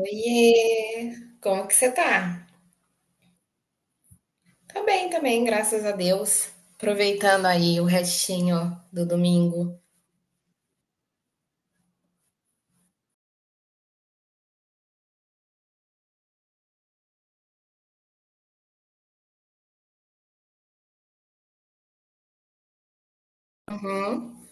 Oiê, como que você tá? Tá bem também, graças a Deus. Aproveitando aí o restinho do domingo. Uhum.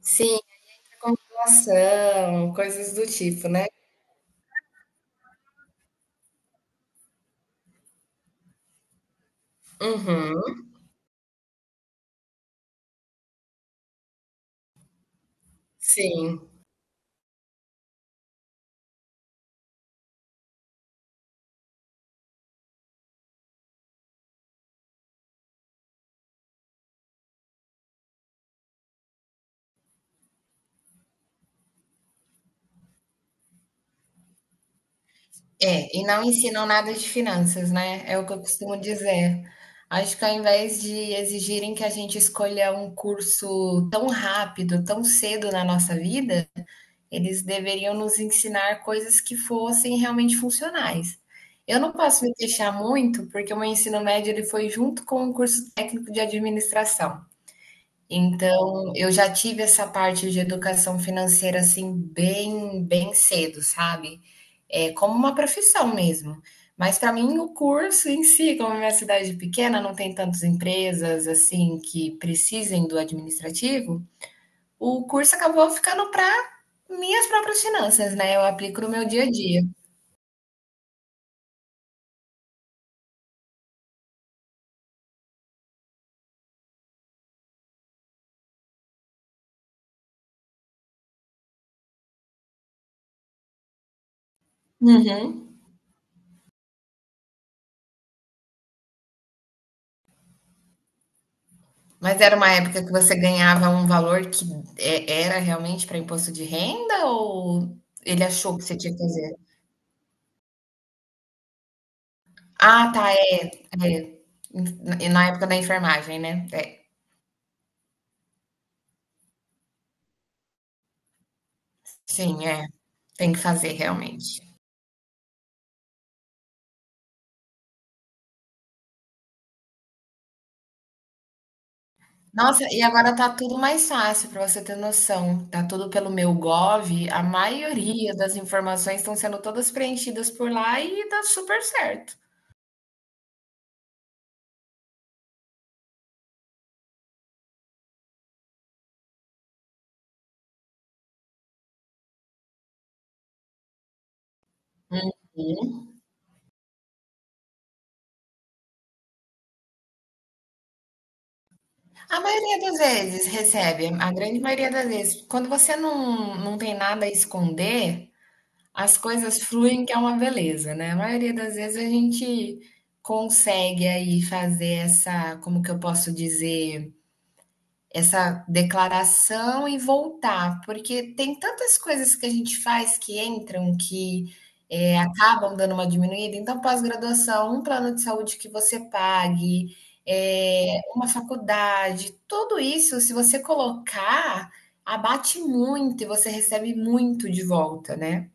Sim, acumulação, coisas do tipo, né? Uhum. Sim. É, e não ensinam nada de finanças, né? É o que eu costumo dizer. Acho que ao invés de exigirem que a gente escolha um curso tão rápido, tão cedo na nossa vida, eles deveriam nos ensinar coisas que fossem realmente funcionais. Eu não posso me queixar muito, porque o meu ensino médio ele foi junto com o curso técnico de administração. Então, eu já tive essa parte de educação financeira assim bem, bem cedo, sabe? É como uma profissão mesmo. Mas para mim o curso em si, como é minha cidade é pequena, não tem tantas empresas assim que precisem do administrativo, o curso acabou ficando para minhas próprias finanças, né? Eu aplico no meu dia a dia. Uhum. Mas era uma época que você ganhava um valor que era realmente para imposto de renda ou ele achou que você tinha que fazer? Ah, tá, é, é. Na época da enfermagem, né? É, sim, é. Tem que fazer realmente. Nossa, e agora tá tudo mais fácil para você ter noção. Tá tudo pelo meu Gov, a maioria das informações estão sendo todas preenchidas por lá e tá super certo. Sim. A maioria das vezes recebe, a grande maioria das vezes. Quando você não tem nada a esconder, as coisas fluem, que é uma beleza, né? A maioria das vezes a gente consegue aí fazer essa, como que eu posso dizer? Essa declaração e voltar, porque tem tantas coisas que a gente faz que entram, que acabam dando uma diminuída, então pós-graduação, um plano de saúde que você pague, uma faculdade, tudo isso se você colocar, abate muito e você recebe muito de volta, né.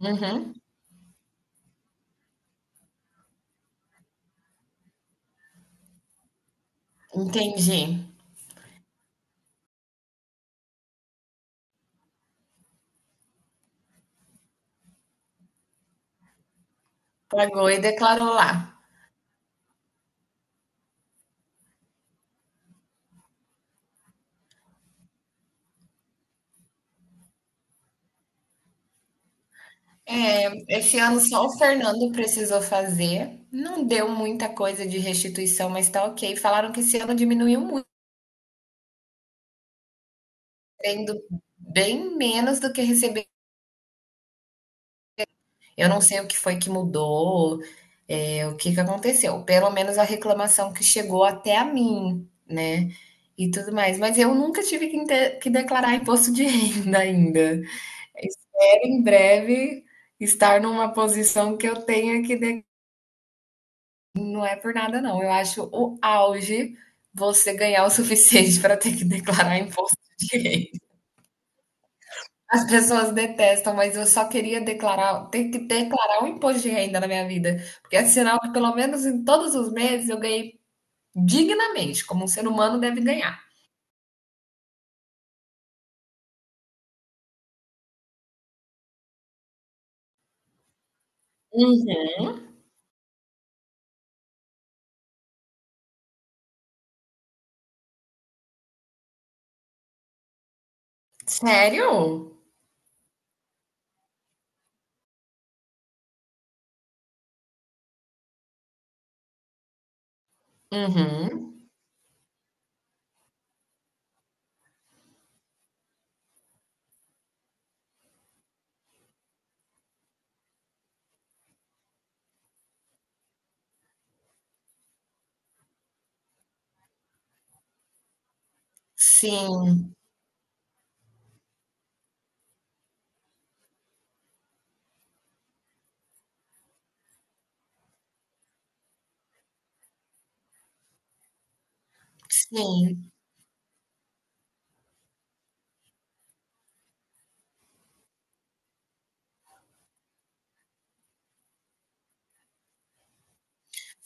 Uhum, entendi. Pagou e declarou lá. É, esse ano só o Fernando precisou fazer. Não deu muita coisa de restituição, mas tá ok. Falaram que esse ano diminuiu muito, tendo bem menos do que receber. Eu não sei o que foi que mudou, é, o que que aconteceu. Pelo menos a reclamação que chegou até a mim, né? E tudo mais. Mas eu nunca tive que declarar imposto de renda ainda. Espero em breve estar numa posição que eu tenha que. Não é por nada, não. Eu acho o auge você ganhar o suficiente para ter que declarar imposto de renda. As pessoas detestam, mas eu só queria declarar, ter que declarar um imposto de renda na minha vida, porque é sinal que pelo menos em todos os meses eu ganhei dignamente, como um ser humano deve ganhar. Uhum. Sério? Uhum. Sim, sim.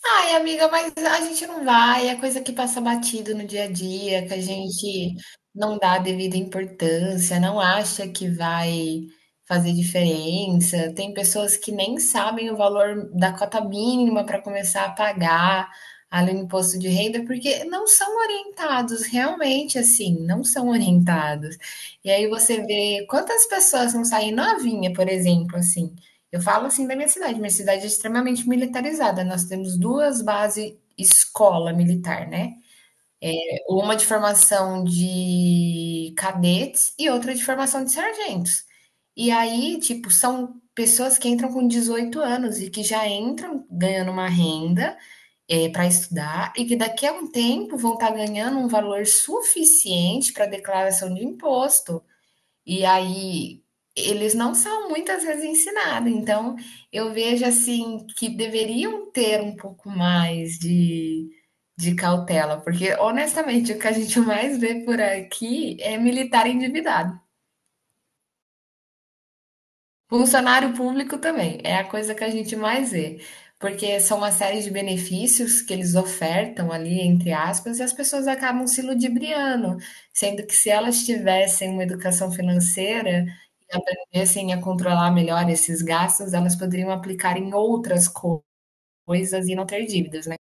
Ai, amiga, mas a gente não vai, é coisa que passa batido no dia a dia, que a gente não dá a devida importância, não acha que vai fazer diferença. Tem pessoas que nem sabem o valor da cota mínima para começar a pagar ali no imposto de renda, porque não são orientados, realmente assim, não são orientados. E aí você vê quantas pessoas não saem novinha, por exemplo, assim. Eu falo assim da minha cidade. Minha cidade é extremamente militarizada. Nós temos duas bases escola militar, né? Uma de formação de cadetes e outra de formação de sargentos. E aí, tipo, são pessoas que entram com 18 anos e que já entram ganhando uma renda para estudar e que daqui a um tempo vão estar ganhando um valor suficiente para declaração de imposto e aí eles não são muitas vezes ensinados. Então eu vejo assim que deveriam ter um pouco mais de cautela, porque honestamente o que a gente mais vê por aqui é militar endividado. Funcionário público também, é a coisa que a gente mais vê, porque são uma série de benefícios que eles ofertam ali, entre aspas, e as pessoas acabam se ludibriando, sendo que se elas tivessem uma educação financeira e aprendessem a controlar melhor esses gastos, elas poderiam aplicar em outras coisas e não ter dívidas, né?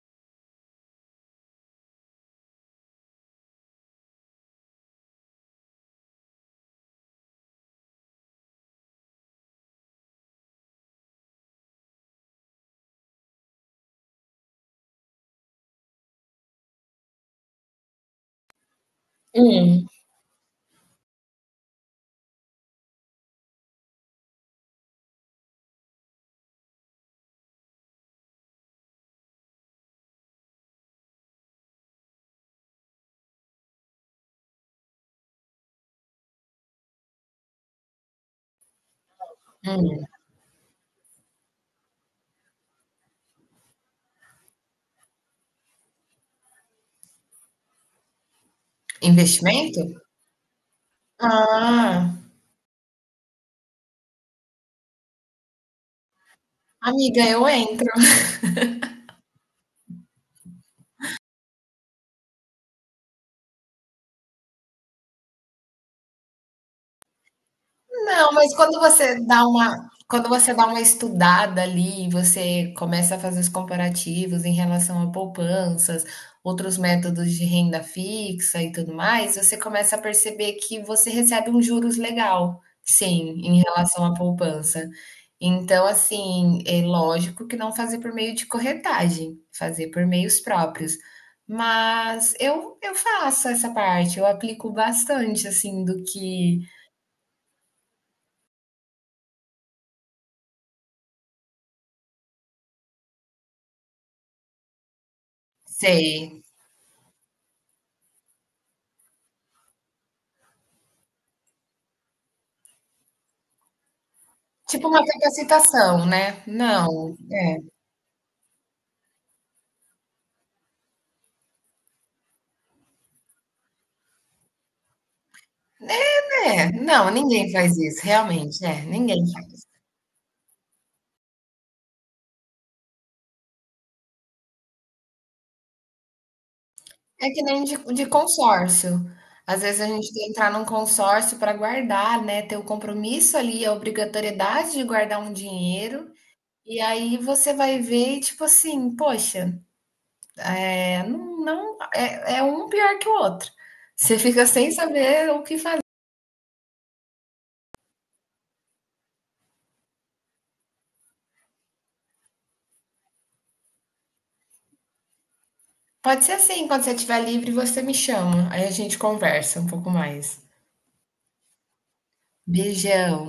Hum. Investimento? Ah, amiga, eu entro. Não, mas quando você dá uma, quando você dá uma estudada ali, você começa a fazer os comparativos em relação a poupanças, outros métodos de renda fixa e tudo mais, você começa a perceber que você recebe um juros legal, sim, em relação à poupança. Então, assim, é lógico que não fazer por meio de corretagem, fazer por meios próprios. Mas eu faço essa parte, eu aplico bastante, assim, do que sei. Tipo uma capacitação, né. Não. É, não, ninguém faz isso, realmente, é, ninguém faz. É que nem de consórcio. Às vezes a gente tem que entrar num consórcio para guardar, né, ter o compromisso ali, a obrigatoriedade de guardar um dinheiro, e aí você vai ver tipo assim, poxa, eh, não é um pior que o outro. Você fica sem saber o que fazer. Pode ser assim, quando você estiver livre você me chama, aí a gente conversa um pouco mais. Beijão.